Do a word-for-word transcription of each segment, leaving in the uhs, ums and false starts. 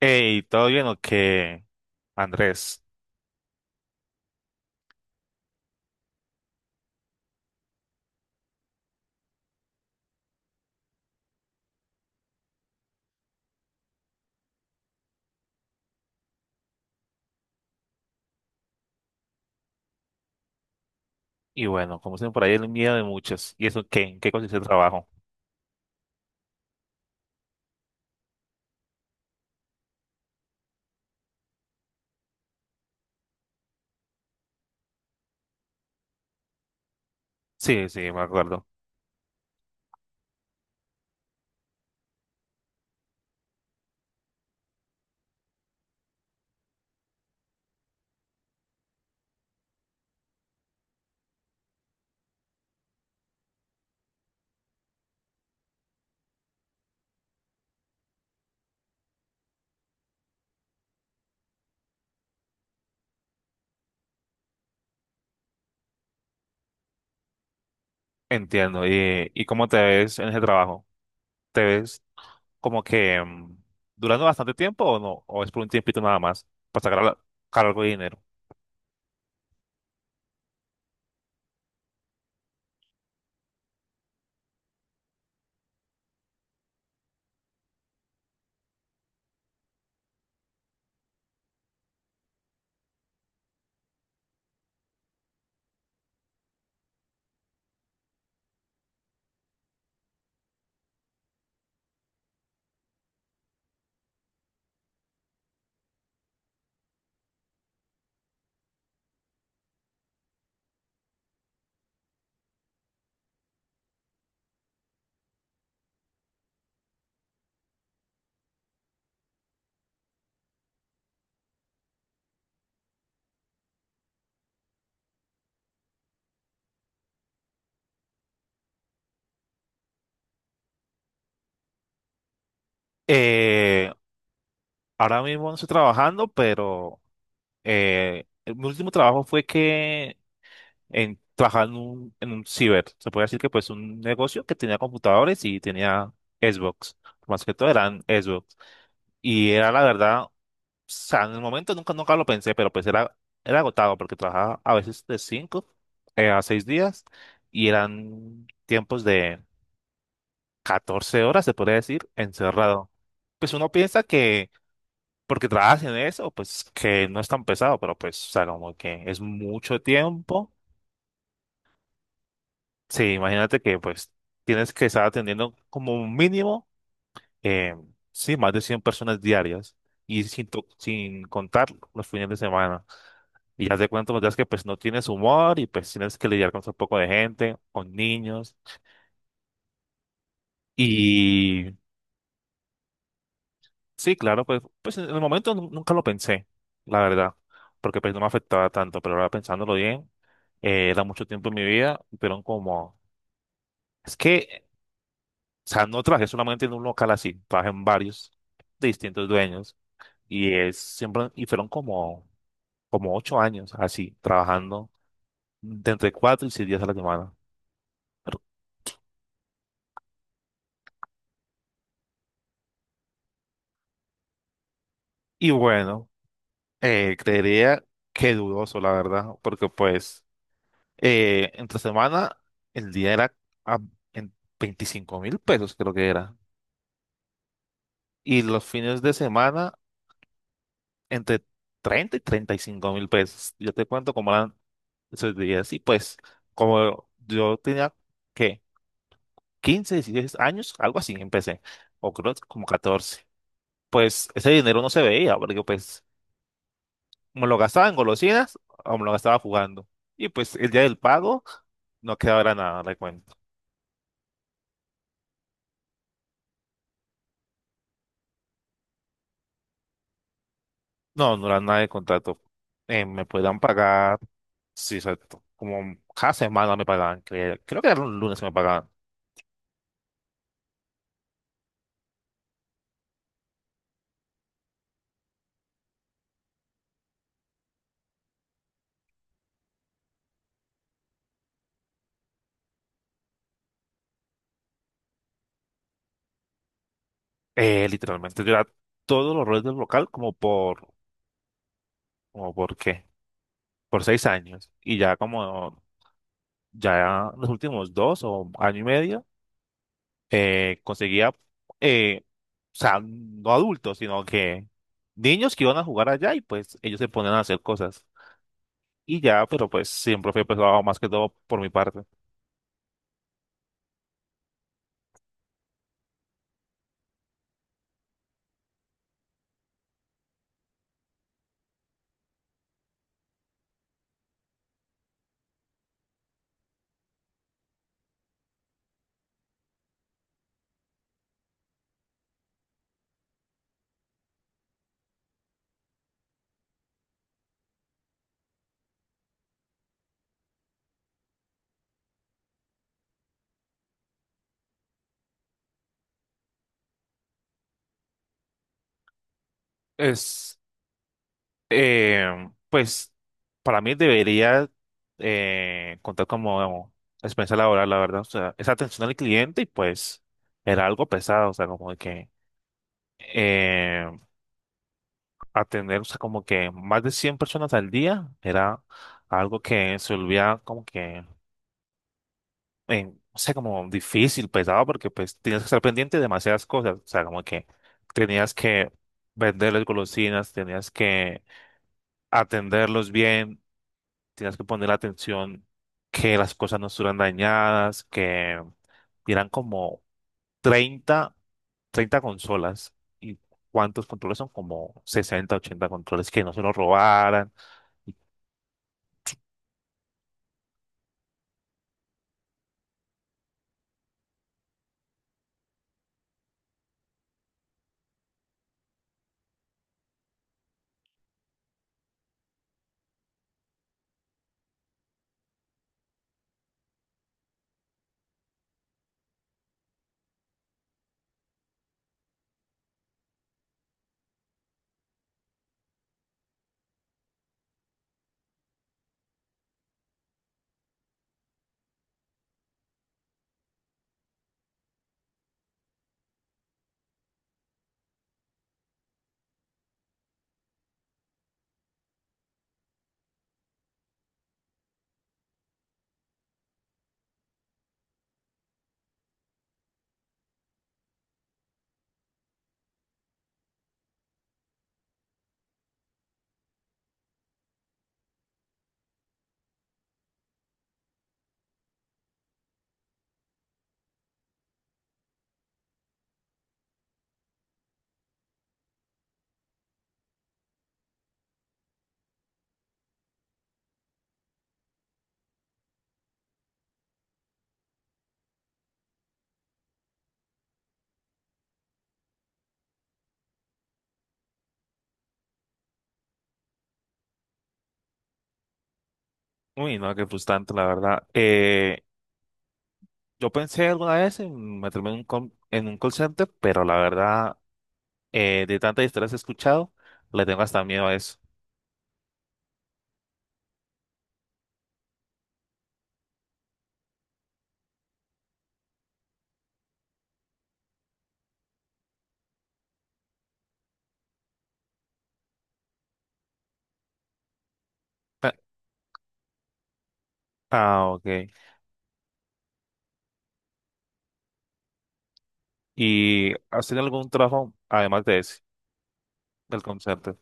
Hey, ¿todo bien o qué, Andrés? Y bueno, como dicen por ahí, el miedo de muchos. ¿Y eso qué? ¿En qué consiste el trabajo? Sí, sí, me acuerdo. Entiendo. ¿Y, y cómo te ves en ese trabajo? ¿Te ves como que mm, durando bastante tiempo o no? ¿O es por un tiempito nada más para sacar, al- sacar algo de dinero? Eh, Ahora mismo no estoy trabajando, pero eh, mi último trabajo fue que en, trabajaba en un, en un ciber. Se puede decir que pues un negocio que tenía computadores y tenía Xbox. Más que todo eran Xbox. Y era la verdad, o sea, en el momento nunca, nunca lo pensé, pero pues era, era agotado porque trabajaba a veces de cinco a seis días y eran tiempos de catorce horas, se podría decir, encerrado. Pues uno piensa que porque trabajas en eso, pues que no es tan pesado, pero pues, o sea, como que es mucho tiempo. Sí, imagínate que pues tienes que estar atendiendo como un mínimo, eh, sí, más de cien personas diarias y sin, to- sin contar los fines de semana. Y ya te cuento los días que pues no tienes humor y pues tienes que lidiar con un poco de gente, con niños. Y sí, claro, pues, pues en el momento nu- nunca lo pensé, la verdad, porque pues no me afectaba tanto, pero ahora pensándolo bien, eh, era mucho tiempo en mi vida, pero como... Es que, o sea, no trabajé solamente en un local así, trabajé en varios de distintos dueños y es siempre, y fueron como, como ocho años así, trabajando de entre cuatro y seis días a la semana. Y bueno, eh, creería que dudoso, la verdad, porque pues eh, entre semana el día era a- en veinticinco mil pesos, creo que era. Y los fines de semana entre treinta y treinta y cinco mil pesos. Yo te cuento cómo eran eso días. Y pues, como yo tenía, ¿qué? Quince, dieciséis años, algo así, empecé. O creo que como catorce. Pues ese dinero no se veía, porque pues me lo gastaba en golosinas o me lo gastaba jugando. Y pues el día del pago no quedaba nada de cuenta. No, no era nada de contrato. Eh, me podían pagar, sí, exacto. Como cada semana me pagaban, cre- creo, que era un lunes que me pagaban. Eh, literalmente, yo era todos los roles del local como por, como por qué. Por seis años y ya como ya los últimos dos o año y medio eh, conseguía, eh, o sea, no adultos, sino que niños que iban a jugar allá y pues ellos se ponían a hacer cosas. Y ya, pero pues siempre fue pesado más que todo por mi parte. Es, eh, pues para mí debería eh, contar como experiencia laboral, la verdad. O sea, esa atención al cliente y pues era algo pesado, o sea, como de que... em, Atender, o sea, como que más de cien personas al día era algo que se volvía como que, eh, no sé, como difícil, pesado, porque pues tenías que estar pendiente de demasiadas cosas, o sea, como que tenías que venderles golosinas, tenías que atenderlos bien, tenías que poner atención que las cosas no estuvieran dañadas, que eran como treinta treinta consolas. Y ¿cuántos controles son? Como sesenta ochenta controles que no se los robaran. Uy, no, qué frustrante, la verdad. Eh, yo pensé alguna vez en meterme en un, com- en un call center, pero la verdad, eh, de tantas historias que he escuchado, le tengo hasta miedo a eso. Ah, ah, ok. ¿Y has tenido algún trabajo, además de ese, del call center?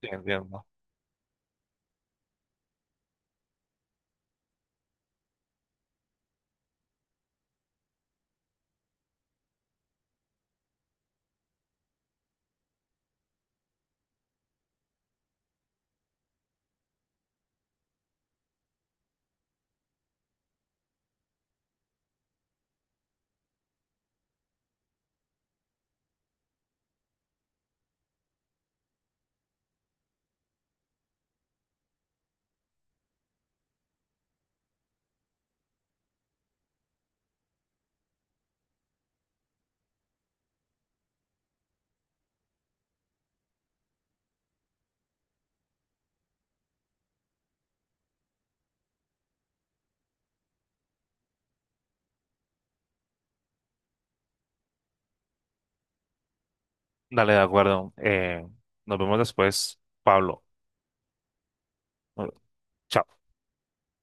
Sí, entiendo. Dale, de acuerdo. Eh, nos vemos después, Pablo. Bueno, chao.